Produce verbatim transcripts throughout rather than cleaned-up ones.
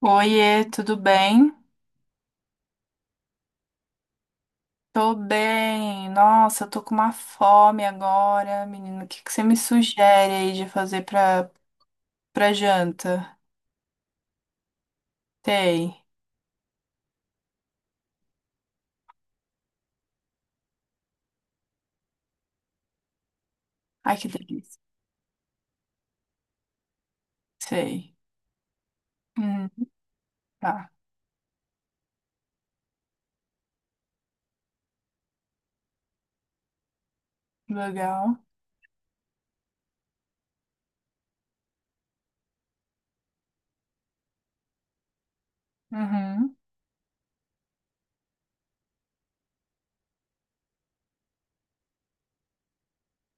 Oiê, tudo bem? Tô bem. Nossa, eu tô com uma fome agora, menino. O que que você me sugere aí de fazer pra, pra janta? Sei. Ai, que delícia. Sei. Hum, tá. Legal. Uhum.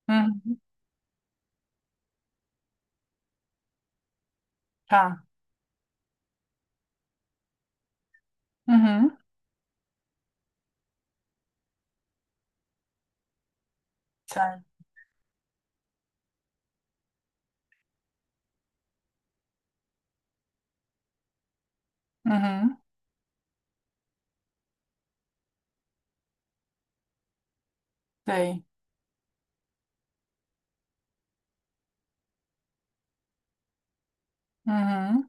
Uhum. Tá. Uhum. Sei. Uhum. Sei. Uhum.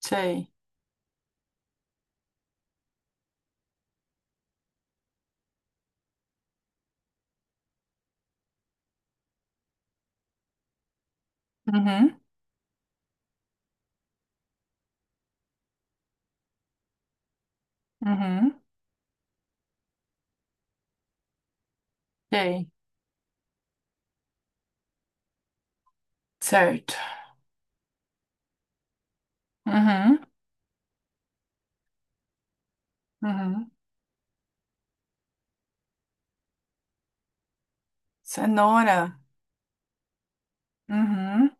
Sei. Uhum. Uhum. Sei. Certo. Uhum. Uhum. Cenoura. Uhum.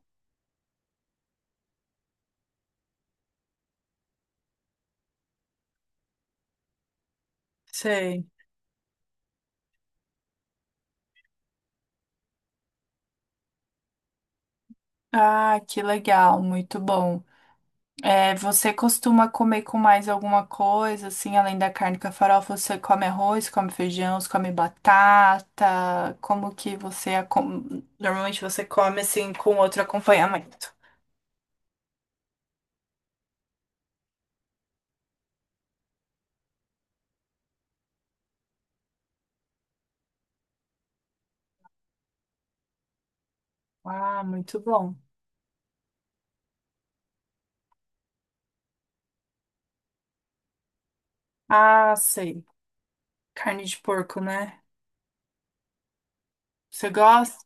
Sei. Ah, que legal, muito bom. É, você costuma comer com mais alguma coisa, assim, além da carne com a farofa? Você come arroz, come feijão, você come batata? Como que você... acom- Normalmente você come, assim, com outro acompanhamento. Ah, muito bom. Ah, sei. Carne de porco, né? Você gosta?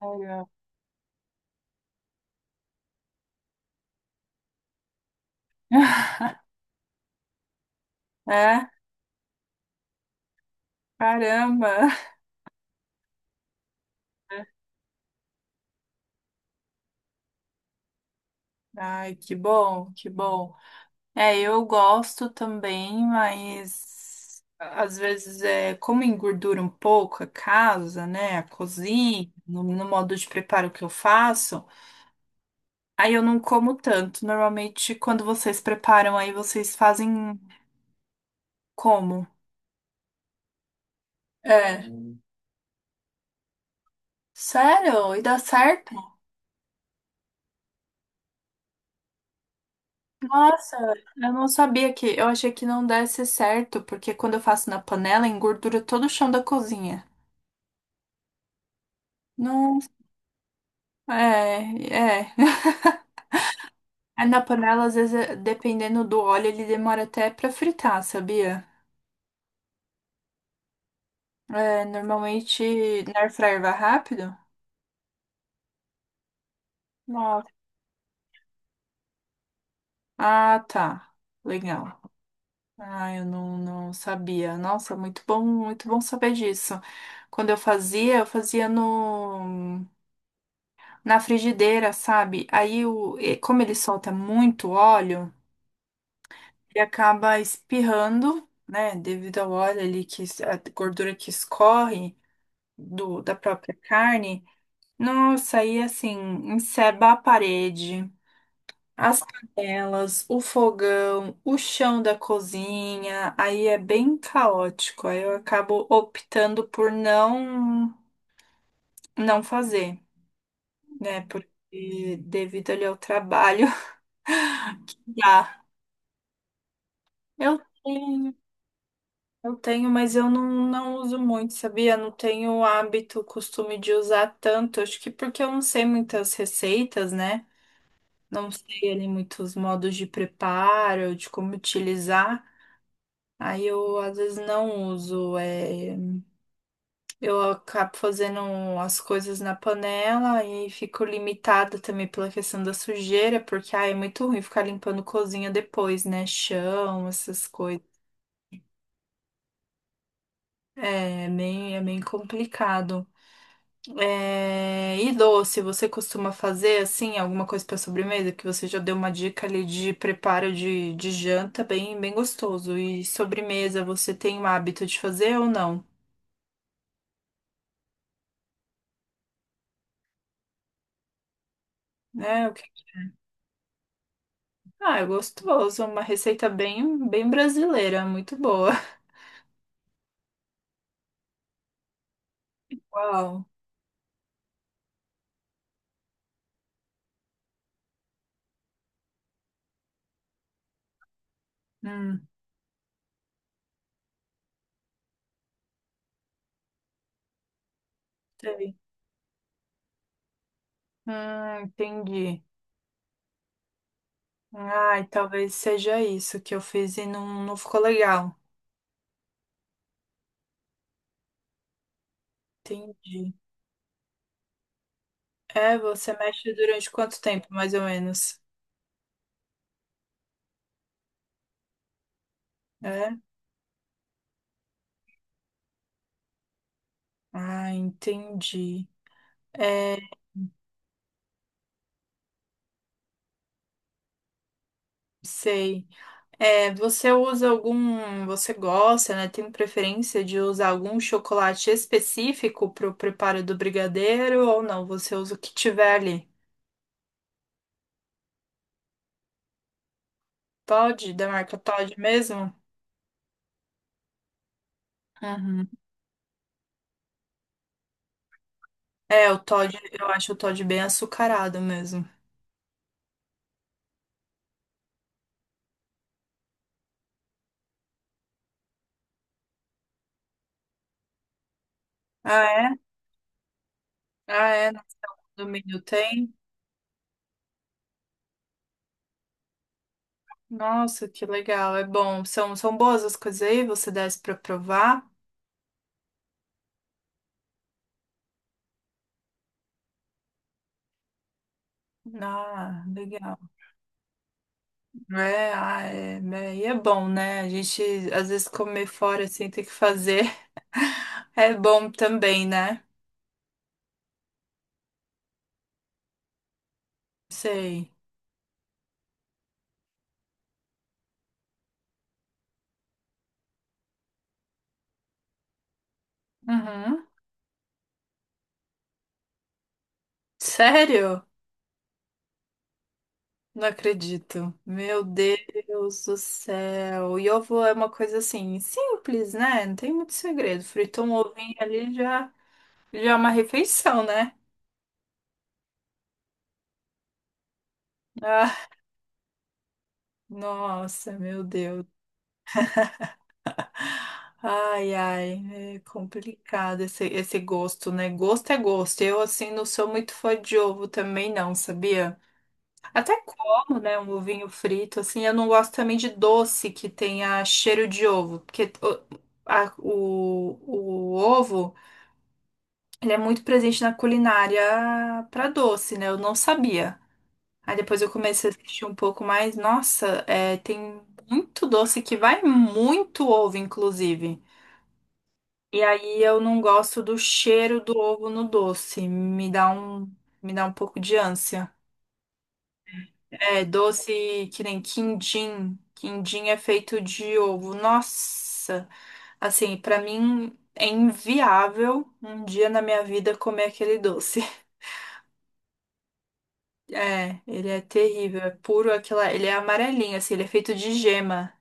Olha. É? Caramba! Ai, que bom, que bom. É, eu gosto também, mas às vezes é como engordura um pouco a casa, né? A cozinha, no, no modo de preparo que eu faço, aí eu não como tanto. Normalmente, quando vocês preparam, aí vocês fazem como? É. Sério? E dá certo? Nossa, eu não sabia que. Eu achei que não desse certo, porque quando eu faço na panela, engordura todo o chão da cozinha. Não, é, é. É, na panela, às vezes, é- dependendo do óleo, ele demora até pra fritar, sabia? É, normalmente, na air fryer vai rápido? Nossa. Ah, tá. Legal. Ah, eu não, não sabia. Nossa, muito bom, muito bom saber disso. Quando eu fazia, eu fazia no, na frigideira, sabe? Aí, o, e como ele solta muito óleo, ele acaba espirrando, né? Devido ao óleo ali, que, es- a gordura que escorre do, da própria carne. Nossa, aí assim, encerba a parede, as panelas, o fogão, o chão da cozinha, aí é bem caótico. Aí eu acabo optando por não não fazer, né? Porque devido ali ao trabalho, dá. Eu tenho, eu tenho, mas eu não, não uso muito, sabia? Não tenho o hábito, o costume de usar tanto. Acho que porque eu não sei muitas receitas, né? Não sei ali muitos modos de preparo, de como utilizar. Aí eu às vezes não uso. É, eu acabo fazendo as coisas na panela e fico limitada também pela questão da sujeira, porque ai, é muito ruim ficar limpando cozinha depois, né? Chão, essas coisas. É, é bem, é bem complicado. É, e doce, você costuma fazer assim alguma coisa para sobremesa? Que você já deu uma dica ali de preparo de, de janta bem, bem gostoso. E sobremesa, você tem o hábito de fazer ou não? É, o que- Ah, é gostoso, é uma receita bem, bem brasileira, muito boa. Uau. Hum, sei. Hum, entendi. Ai, talvez seja isso que eu fiz e não, não ficou legal. Entendi. É, você mexe durante quanto tempo, mais ou menos? É. Ah, entendi. É, sei. É, você usa algum, você gosta, né? Tem preferência de usar algum chocolate específico para o preparo do brigadeiro ou não? Você usa o que tiver ali? Toddy, da marca Toddy mesmo? Uhum. É, o Toddy, eu acho o Toddy bem açucarado mesmo. Ah, é? Ah, é? No condomínio tem? Nossa, que legal, é bom. São, são boas as coisas aí, você desce para provar? Ah, legal. É, ah, é, né? E é bom, né? A gente às vezes comer fora assim ter que fazer é bom também, né? Sei. Uhum. Sério? Não acredito. Meu Deus do céu. E ovo é uma coisa assim, simples, né? Não tem muito segredo. Fritou um ovinho ali já, já é uma refeição, né? Ah, nossa, meu Deus. Ai, ai, é complicado esse, esse gosto, né? Gosto é gosto. Eu, assim, não sou muito fã de ovo também, não, sabia? Até como, né? Um ovinho frito, assim. Eu não gosto também de doce que tenha cheiro de ovo, porque o, a- o, o ovo, ele é muito presente na culinária para doce, né? Eu não sabia. Aí depois eu comecei a assistir um pouco mais. Nossa, é, tem muito doce que vai muito ovo, inclusive. E aí eu não gosto do cheiro do ovo no doce. Me dá um, me dá um pouco de ânsia. É, doce que nem quindim. Quindim é feito de ovo. Nossa, assim, pra mim é inviável um dia na minha vida comer aquele doce. É, ele é terrível, é puro aquela, ele é amarelinho, assim, ele é feito de gema.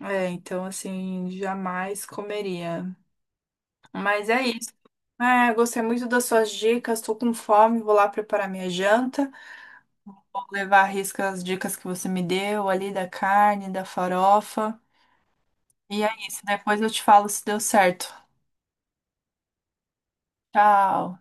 É, então assim, jamais comeria. Mas é isso. Ah, eu gostei muito das suas dicas. Estou com fome, vou lá preparar minha janta. Vou levar a risca as dicas que você me deu ali da carne, da farofa. E é isso. Depois eu te falo se deu certo. Tchau.